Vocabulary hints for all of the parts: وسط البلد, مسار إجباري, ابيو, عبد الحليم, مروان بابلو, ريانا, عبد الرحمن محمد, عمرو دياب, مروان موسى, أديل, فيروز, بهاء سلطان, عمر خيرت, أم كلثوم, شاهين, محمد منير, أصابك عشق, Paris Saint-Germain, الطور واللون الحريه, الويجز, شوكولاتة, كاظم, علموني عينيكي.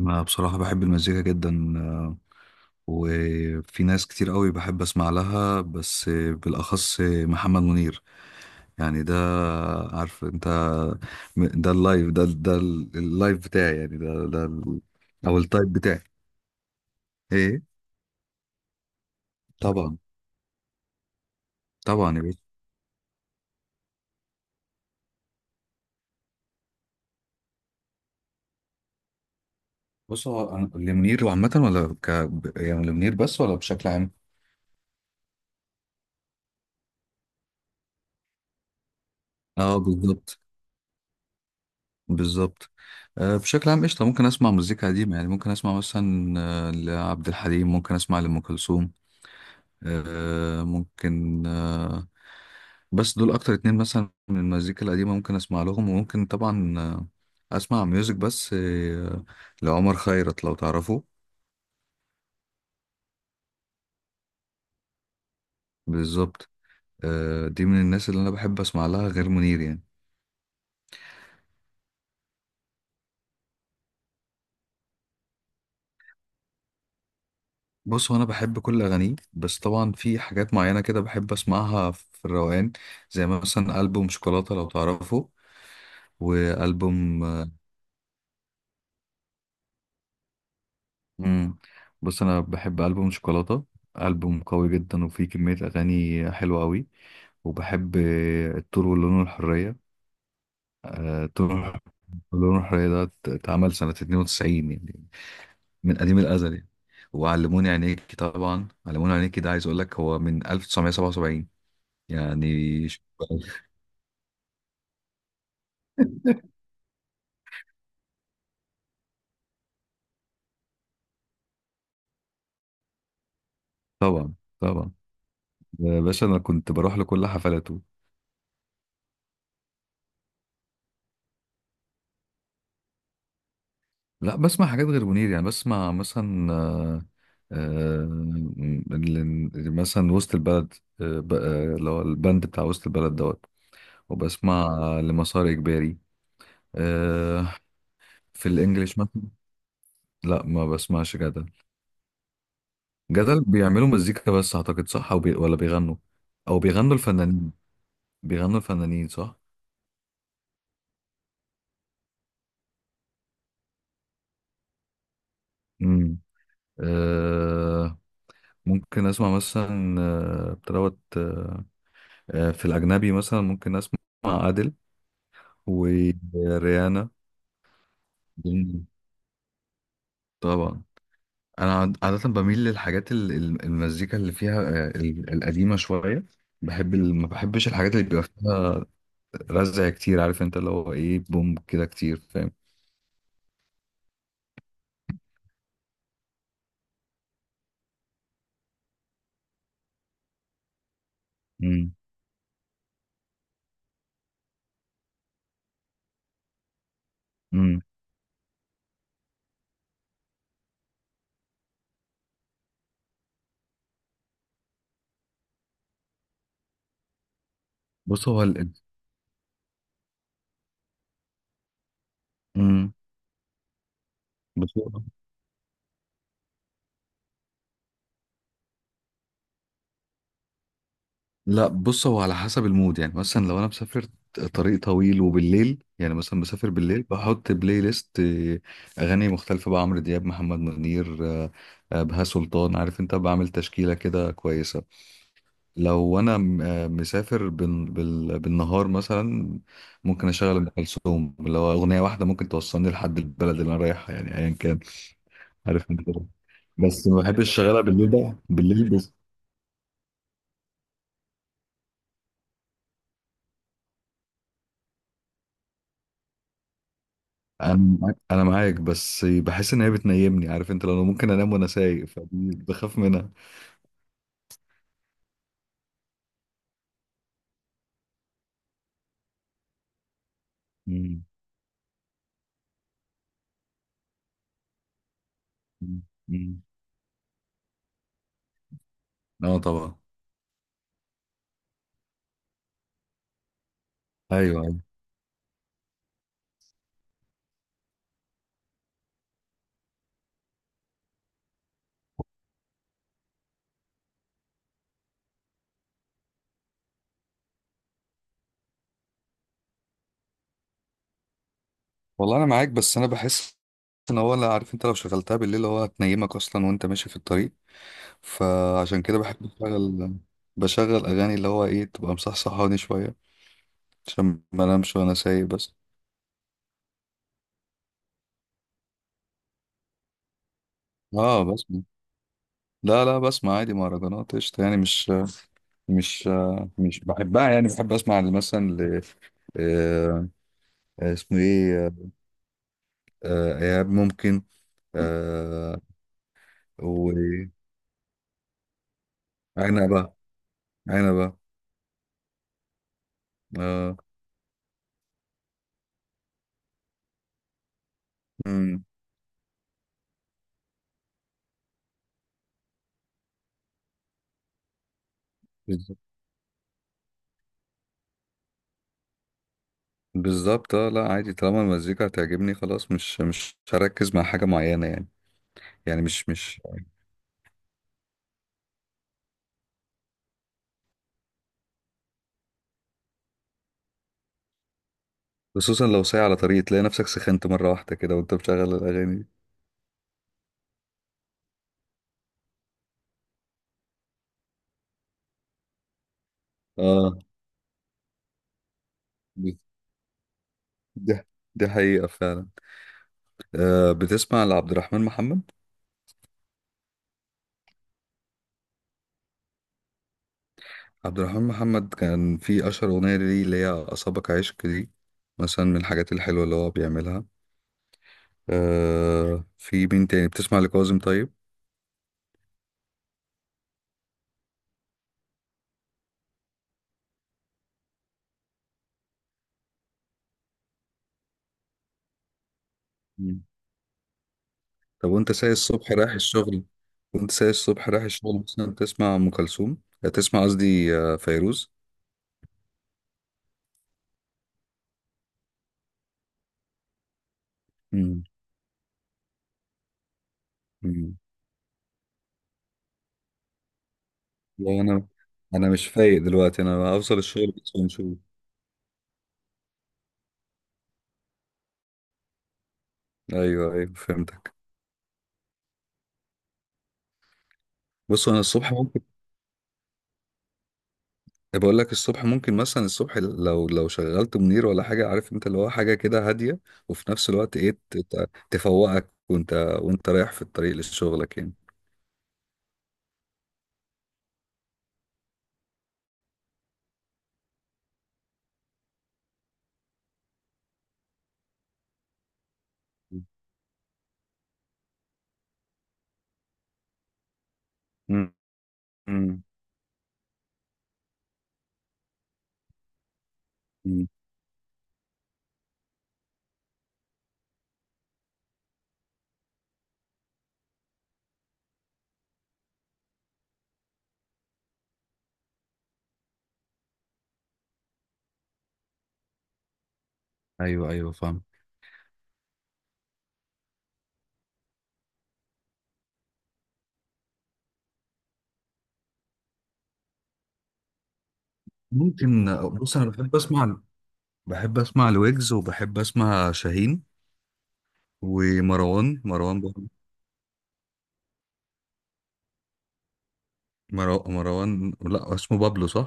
انا بصراحة بحب المزيكا جدا وفي ناس كتير قوي بحب اسمع لها بس، بالاخص محمد منير. يعني ده، عارف انت، ده اللايف، ده اللايف بتاعي، يعني او التايب بتاعي. ايه، طبعا. طبعا يا باشا. بص، هو لمنير عامة ولا يعني لمنير بس ولا بشكل عام؟ اه، بالظبط بالظبط. بشكل عام قشطة. ممكن اسمع مزيكا قديمة، يعني ممكن اسمع مثلا لعبد الحليم، ممكن اسمع لأم كلثوم. ممكن، بس دول اكتر اتنين مثلا من المزيكا القديمة ممكن اسمع لهم. وممكن طبعا اسمع ميوزك، بس لعمر خيرت لو تعرفه. بالظبط. دي من الناس اللي انا بحب اسمع لها غير منير يعني. بص، هو انا بحب كل اغانيه، بس طبعا في حاجات معينة كده بحب اسمعها في الروقان، زي مثلا البوم شوكولاتة لو تعرفه. والبوم امم بص، انا بحب البوم شوكولاته. البوم قوي جدا وفيه كميه اغاني حلوه قوي. وبحب الطور واللون الحريه. الطور واللون الحريه ده اتعمل سنه 92 يعني، من قديم الازل يعني. وعلموني عينيكي، طبعا علموني عينيكي ده عايز اقول لك هو من 1977 يعني. طبعا. طبعا يا باشا، انا كنت بروح لكل حفلاته. لا، بسمع حاجات غير منير يعني. بسمع مثلا آه، ال- مثلا وسط البلد. اللي هو البند بتاع وسط البلد دوت. وبسمع لمسار إجباري آه، في الإنجليش مثلا. لا، ما بسمعش جدل. جدل بيعملوا مزيكا بس، أعتقد صح، أو بي ولا بيغنوا؟ أو بيغنوا الفنانين، بيغنوا الفنانين صح. مم. آه، ممكن أسمع مثلا بتروت، في الأجنبي مثلا ممكن أسمع أديل وريانا. جميل. طبعا، انا عاده بميل للحاجات المزيكا اللي فيها القديمه شويه. بحب ما بحبش الحاجات اللي بيبقى فيها رزع كتير، عارف انت، اللي هو ايه، بوم كده كتير، فاهم. امم امم بص، هو امم بص، لا، بص، هو على حسب المود يعني. مثلا لو انا مسافر طريق طويل وبالليل، يعني مثلا مسافر بالليل، بحط بلاي ليست اغاني مختلفه بقى، عمرو دياب، محمد منير، بهاء سلطان، عارف انت، بعمل تشكيله كده كويسه. لو انا مسافر بالنهار مثلا، ممكن اشغل ام كلثوم، اللي هو اغنيه واحده ممكن توصلني لحد البلد اللي انا رايحها يعني ايا كان. عارف انت، بس ما بحبش اشغلها بالليل بقى بالليل. انا انا معاك، بس بحس ان هي بتنيمني، عارف انت، لو ممكن انام وانا سايق، فبخاف منها. مم. مم. مم. اه، طبعا. ايوه ايوه. والله، انا معاك، بس انا بحس ان هو، لا، عارف انت، لو شغلتها بالليل هو هتنيمك اصلا وانت ماشي في الطريق. فعشان كده بحب بشغل اغاني، اللي هو ايه، تبقى مصحصحاني شويه، عشان ما انامش وانا سايق بس. اه بسمع. لا لا، بسمع عادي مهرجانات قشطه يعني. مش بحبها يعني. بحب اسمع مثلا ل آه، اسمه ايه ايهاب ممكن آه، وعنبة. عنبة. آه، مم، بالظبط. بالظبط، اه، لا، عادي طالما المزيكا هتعجبني خلاص. مش هركز مع حاجة معينة يعني. يعني مش مش خصوصا لو سايق على طريق تلاقي نفسك سخنت مرة واحدة كده وانت بتشغل الأغاني دي. اه، دي دي حقيقة فعلا. بتسمع لعبد الرحمن محمد؟ عبد الرحمن محمد كان في أشهر أغنية ليه، اللي هي أصابك عشق دي، مثلا من الحاجات الحلوة اللي هو بيعملها. آه، في مين تاني بتسمع؟ لكاظم طيب. مم. طب وأنت سايق الصبح رايح الشغل، وأنت سايق الصبح رايح الشغل مثلا تسمع أم كلثوم تسمع قصدي فيروز؟ مم. مم. لا أنا، أنا مش فايق دلوقتي، أنا هوصل الشغل بس ونشوف. أيوه أيوه فهمتك. بص، أنا الصبح ممكن، بقول لك الصبح ممكن، مثلا الصبح لو شغلت منير ولا حاجه، عارف انت، اللي هو حاجه كده هاديه، وفي نفس الوقت ايه تفوقك وانت رايح في الطريق لشغلك يعني. مم. مم. مم. ايوه ايوه فاهم. ممكن. بص، انا بحب اسمع، بحب اسمع الويجز، وبحب اسمع شاهين ومروان، بابلو. مروان، لا اسمه بابلو صح.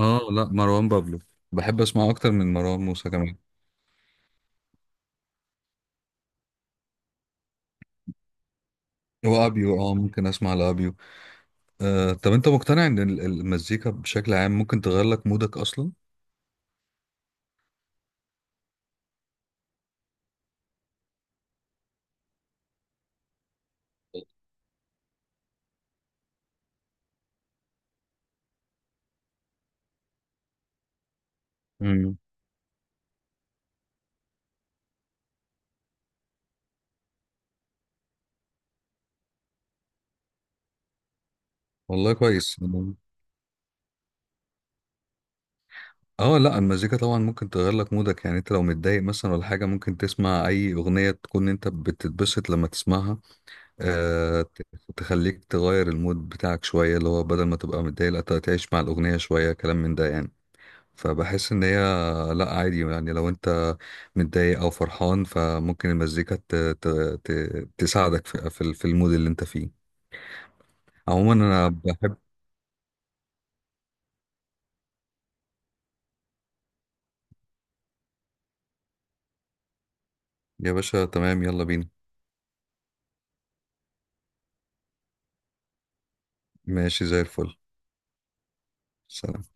اه، لا مروان بابلو، بحب اسمعه اكتر من مروان موسى كمان. وابيو، اه ممكن اسمع لابيو. طب انت مقتنع ان المزيكا بشكل عام ممكن تغير لك مودك اصلا؟ امم. والله كويس. اه لا، المزيكا طبعا ممكن تغير لك مودك. يعني انت لو متضايق مثلا ولا حاجه، ممكن تسمع اي اغنيه تكون انت بتتبسط لما تسمعها. آه تخليك تغير المود بتاعك شويه، اللي هو بدل ما تبقى متضايق، لا تعيش مع الاغنيه شويه، كلام من ده يعني. فبحس ان هي، لا عادي يعني، لو انت متضايق او فرحان فممكن المزيكا ت... تساعدك في المود اللي انت فيه. عموما انا بحب. يا باشا تمام، يلا بينا. ماشي زي الفل. سلام.